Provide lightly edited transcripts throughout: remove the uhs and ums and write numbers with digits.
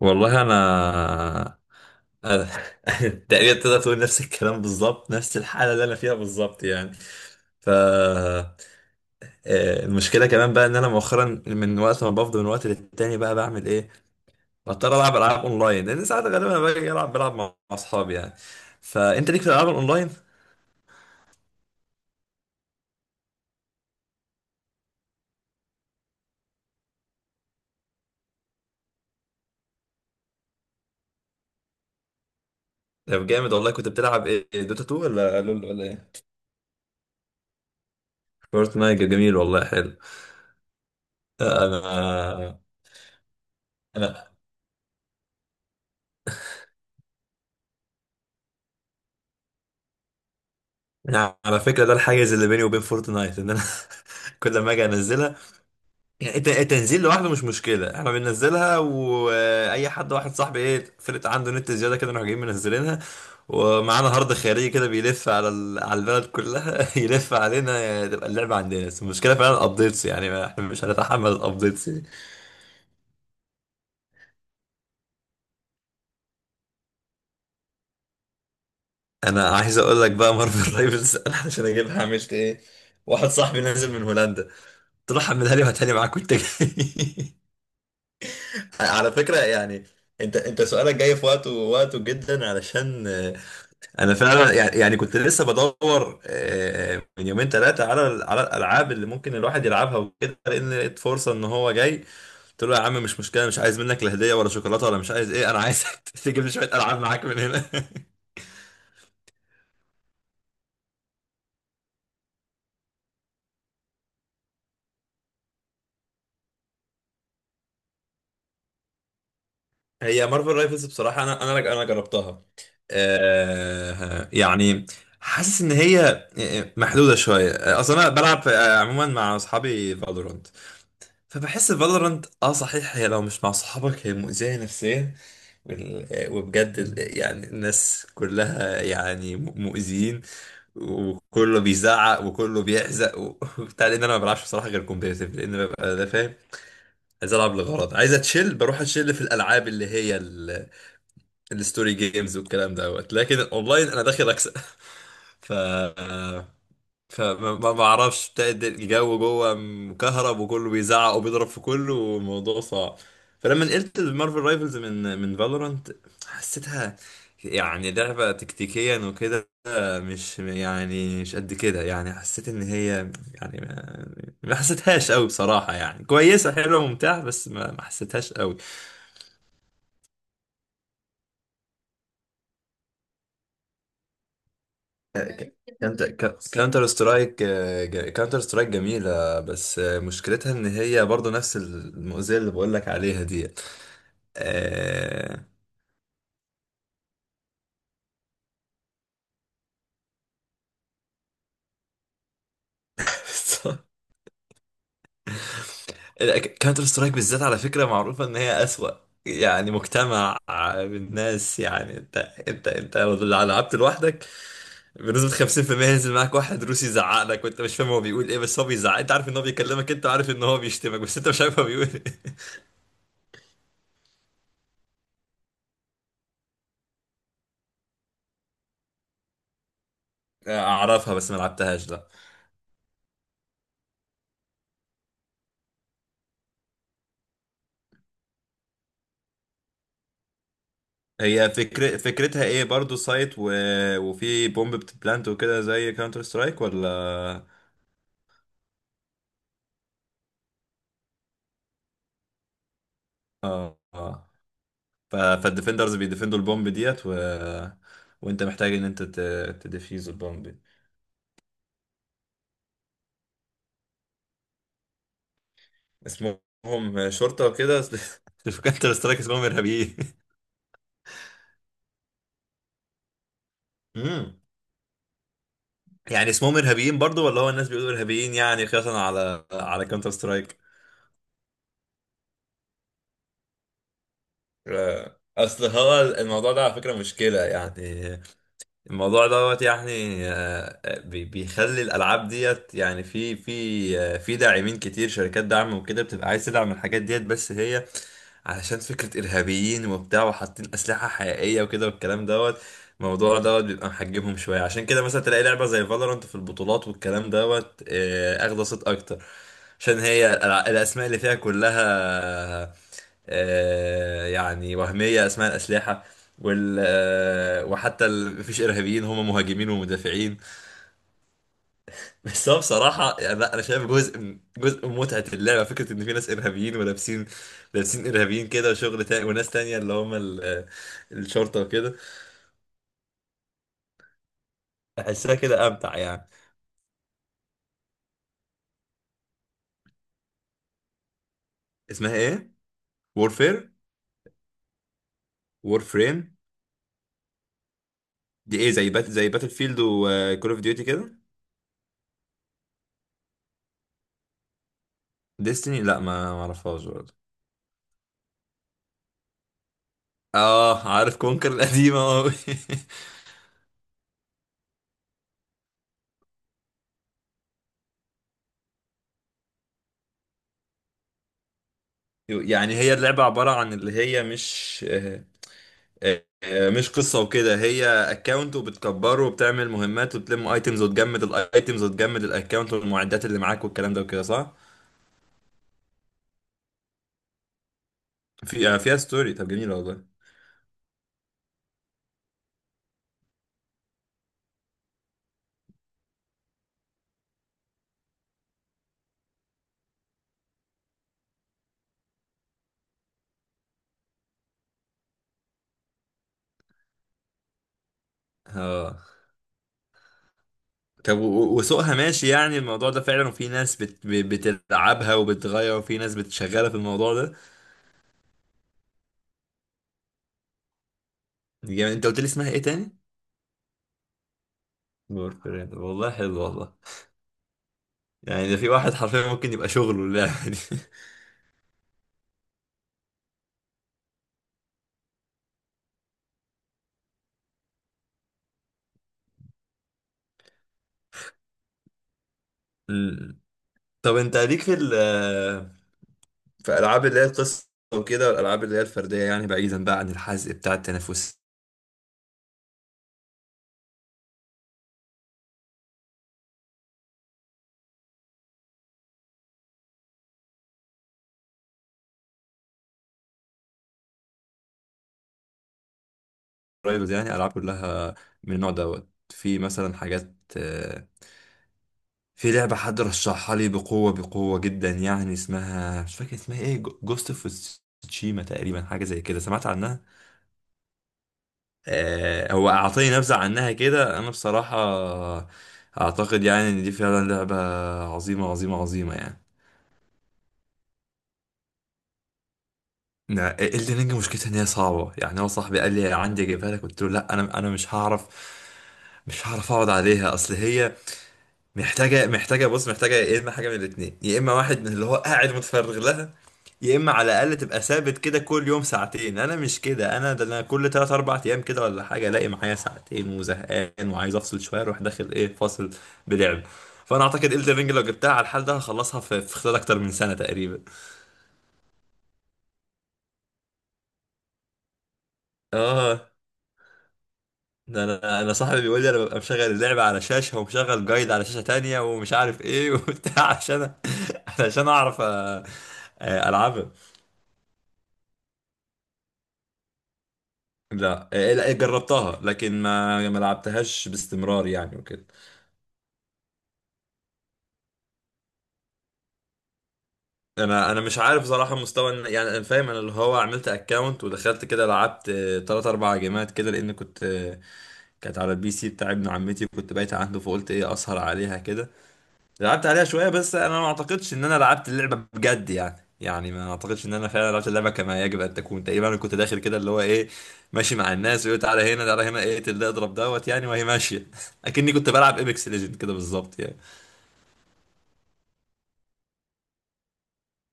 والله أنا تقريبا تقدر تقول نفس الكلام بالظبط، نفس الحاله اللي انا فيها بالظبط يعني. ف آه، المشكله كمان بقى ان انا مؤخرا من وقت ما بفضل من وقت للتاني بقى بعمل ايه، بضطر العب العاب اونلاين، لان ساعات غالبا انا باجي العب بلعب مع اصحابي يعني. فانت ليك في الالعاب الاونلاين؟ طب جامد والله! كنت بتلعب ايه، دوتا 2 ولا لول ولا ايه؟ فورتنايت؟ جميل والله، حلو. انا انا أنا على فكره ده الحاجز اللي بيني وبين فورتنايت ان انا كل ما اجي انزلها، يعني التنزيل لوحده مش مشكلة، احنا بننزلها، واي حد واحد صاحبي ايه فرقة عنده نت زيادة كده نروح جايين منزلينها، ومعانا هارد خارجي كده بيلف على ال... على البلد كلها يلف علينا تبقى اللعبة عندنا. بس المشكلة فعلا الابديتس يعني، احنا مش هنتحمل الابديتس يعني. انا عايز اقول لك بقى مارفل رايفلز انا عشان اجيبها عملت ايه، واحد صاحبي نازل من هولندا قلت له حملها لي وهاتها لي معاك وانت جاي على فكرة يعني انت سؤالك جاي في وقته، وقته جدا، علشان انا فعلا يعني يعني كنت لسه بدور من يومين ثلاثه على على الالعاب اللي ممكن الواحد يلعبها وكده، لان لقيت فرصه ان هو جاي، قلت له يا عم مش مشكله، مش عايز منك لا هديه ولا شوكولاته، ولا مش عايز ايه، انا عايز تجيب لي شويه العاب معاك من هنا هي مارفل رايفلز بصراحه، انا جربتها. يعني حاسس ان هي محدوده شويه. اصلا انا بلعب عموما مع اصحابي فالورانت. فبحس فالورانت اه صحيح، هي لو مش مع صحابك هي مؤذية نفسيا. وبجد يعني الناس كلها يعني مؤذيين، وكله بيزعق وكله بيحزق وبتاع، لان انا ما بلعبش بصراحة غير كومبيتيتيف، لان ببقى ده فاهم عايز العب لغرض، عايز اتشيل، بروح اتشيل في الالعاب اللي هي الستوري جيمز والكلام دوت، لكن الاونلاين انا داخل اكسب ف فما ما ما اعرفش بتاعت الجو جوه مكهرب وكله بيزعق وبيضرب في كله والموضوع صعب. فلما نقلت المارفل رايفلز من فالورانت، حسيتها يعني لعبة تكتيكيا وكده، مش يعني مش قد كده يعني، حسيت ان هي يعني ما حسيتهاش قوي بصراحة، يعني كويسة حلوة ممتعة، بس ما حسيتهاش قوي. كانت كانتر سترايك، كانتر سترايك جميلة، بس مشكلتها ان هي برضو نفس المؤذية اللي بقولك عليها دي. آه، كانتر سترايك بالذات على فكرة معروفة ان هي أسوأ يعني مجتمع بالناس. يعني انت لو لعبت لوحدك بنسبة 50% ينزل معاك واحد روسي يزعق لك وانت مش فاهم هو بيقول ايه، بس هو بيزعق، انت عارف ان هو بيكلمك، انت عارف ان هو بيشتمك، بس انت مش عارف هو بيقول ايه. اعرفها بس ما لعبتهاش، لا. هي فكرتها ايه برضو، سايت وفي بومب بتبلانت وكده زي كاونتر سترايك ولا؟ اه اه. فالديفندرز بيديفندوا البومب ديت وانت محتاج ان تديفيوز البومب دي. اسمهم شرطة وكده أصل في كاونتر سترايك اسمهم ارهابيين. امم. يعني اسمهم ارهابيين برضو، ولا هو الناس بيقولوا ارهابيين يعني قياسا على كاونتر سترايك؟ اصل هو الموضوع ده على فكرة مشكلة يعني، الموضوع دوت يعني، بيخلي الالعاب ديت يعني في داعمين كتير، شركات دعم وكده، بتبقى عايز تدعم الحاجات ديت، بس هي علشان فكرة ارهابيين وبتاع، وحاطين اسلحة حقيقية وكده والكلام دوت، الموضوع دوت بيبقى محجمهم شوية. عشان كده مثلا تلاقي لعبة زي فالورانت في البطولات والكلام دوت اخدة صيت اكتر، عشان هي الاسماء اللي فيها كلها يعني وهمية، اسماء الاسلحة، وال آه، وحتى مفيش ارهابيين، هم مهاجمين ومدافعين. بس هو بصراحه يعني، لا، انا شايف جزء جزء من متعه اللعبه فكره ان في ناس ارهابيين ولابسين، لابسين ارهابيين كده وشغل تاني، وناس تانية اللي هم ال... آه، الشرطه وكده، احسها كده امتع يعني. اسمها ايه؟ وورفير. وورفريم. دي ايه، زي زي باتل فيلد وكول اوف ديوتي كده؟ ديستني؟ لا ما اعرفهاش برضه. اه عارف كونكر القديمه. يعني هي اللعبه عباره عن اللي هي مش مش قصة وكده، هي اكونت وبتكبره وبتعمل مهمات وبتلم ايتمز، وتجمد الايتمز وتجمد الاكونت والمعدات اللي معاك والكلام ده وكده، صح؟ في فيها ستوري، طب جميل والله. اه. طب وسوقها ماشي، يعني الموضوع ده فعلا، وفي ناس بتلعبها وبتغير، وفي ناس بتشغلها في الموضوع ده. يعني انت قلت لي اسمها ايه تاني؟ بورفرين، والله حلو والله، يعني ده في واحد حرفيا ممكن يبقى شغله اللعبة دي مم. طب انت ليك في ال آه، فالعاب اللي هي القصه وكده، والالعاب اللي هي الفرديه، يعني بعيدا بقى عن الحزق بتاع التنافسيه والرايفلز يعني، العاب كلها من النوع دوت؟ في مثلا حاجات في لعبه حد رشحها لي بقوه بقوه جدا يعني، اسمها مش فاكر اسمها ايه، جوست اوف تشيما تقريبا، حاجه زي كده، سمعت عنها؟ هو اعطيني نبذه عنها كده، انا بصراحه اعتقد يعني ان دي فعلا لعبه عظيمه عظيمه عظيمه يعني. الليرنج مشكلتها ان هي صعبه يعني، هو صاحبي قال لي عندي اجيبها لك، قلت له لا انا مش هعرف اقعد عليها، اصل هي محتاجه، بص محتاجه يا اما حاجه من الاثنين، يا اما واحد من اللي هو قاعد متفرغ لها، يا اما على الاقل تبقى ثابت كده كل يوم ساعتين. انا مش كده، انا ده انا كل 3 4 ايام كده ولا حاجه الاقي معايا ساعتين وزهقان وعايز افصل شويه، اروح داخل ايه فاصل بلعب. فانا اعتقد الدرينج لو جبتها على الحال ده هخلصها في خلال اكتر من سنه تقريبا. اه، ده انا صاحبي بيقول لي انا ببقى مشغل اللعبه على شاشه ومشغل جايد على شاشه تانية ومش عارف ايه وبتاع عشان عشان اعرف العبها. لا إيه، لا جربتها، لكن ما لعبتهاش باستمرار يعني وكده. انا مش عارف صراحه مستوى يعني انا فاهم، انا اللي هو عملت اكونت ودخلت كده، لعبت 3 4 جيمات كده لان كنت كانت على البي سي بتاع ابن عمتي كنت بايت عنده، فقلت ايه اسهر عليها كده. لعبت عليها شوية، بس أنا ما أعتقدش إن أنا لعبت اللعبة بجد يعني، يعني ما أعتقدش إن أنا فعلا لعبت اللعبة كما يجب أن تكون. تقريبا أنا كنت داخل كده اللي هو إيه ماشي مع الناس، ويقول تعالى هنا تعالى هنا ايه، اقتل ده، اضرب دوت، يعني وهي ماشية أكني كنت بلعب إيبكس ليجند كده بالظبط يعني.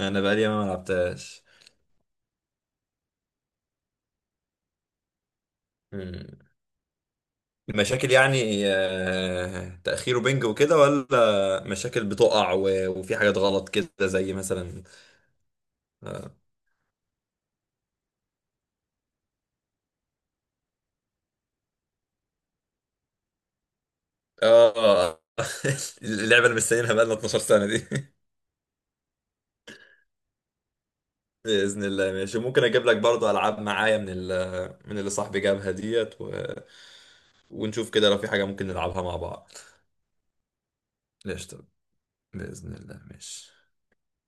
أنا بقالي ما لعبتهاش. مم. مشاكل يعني تأخير وبنج وكده، ولا مشاكل بتقع وفي حاجات غلط كده زي مثلا؟ آه. آه، اللعبة اللي مستنيينها بقالنا 12 سنة دي. بإذن الله ماشي، ممكن أجيب لك برضو ألعاب معايا من ال، من اللي صاحبي جابها ديت ونشوف كده لو في حاجة ممكن نلعبها مع بعض. قشطة. بإذن الله ماشي.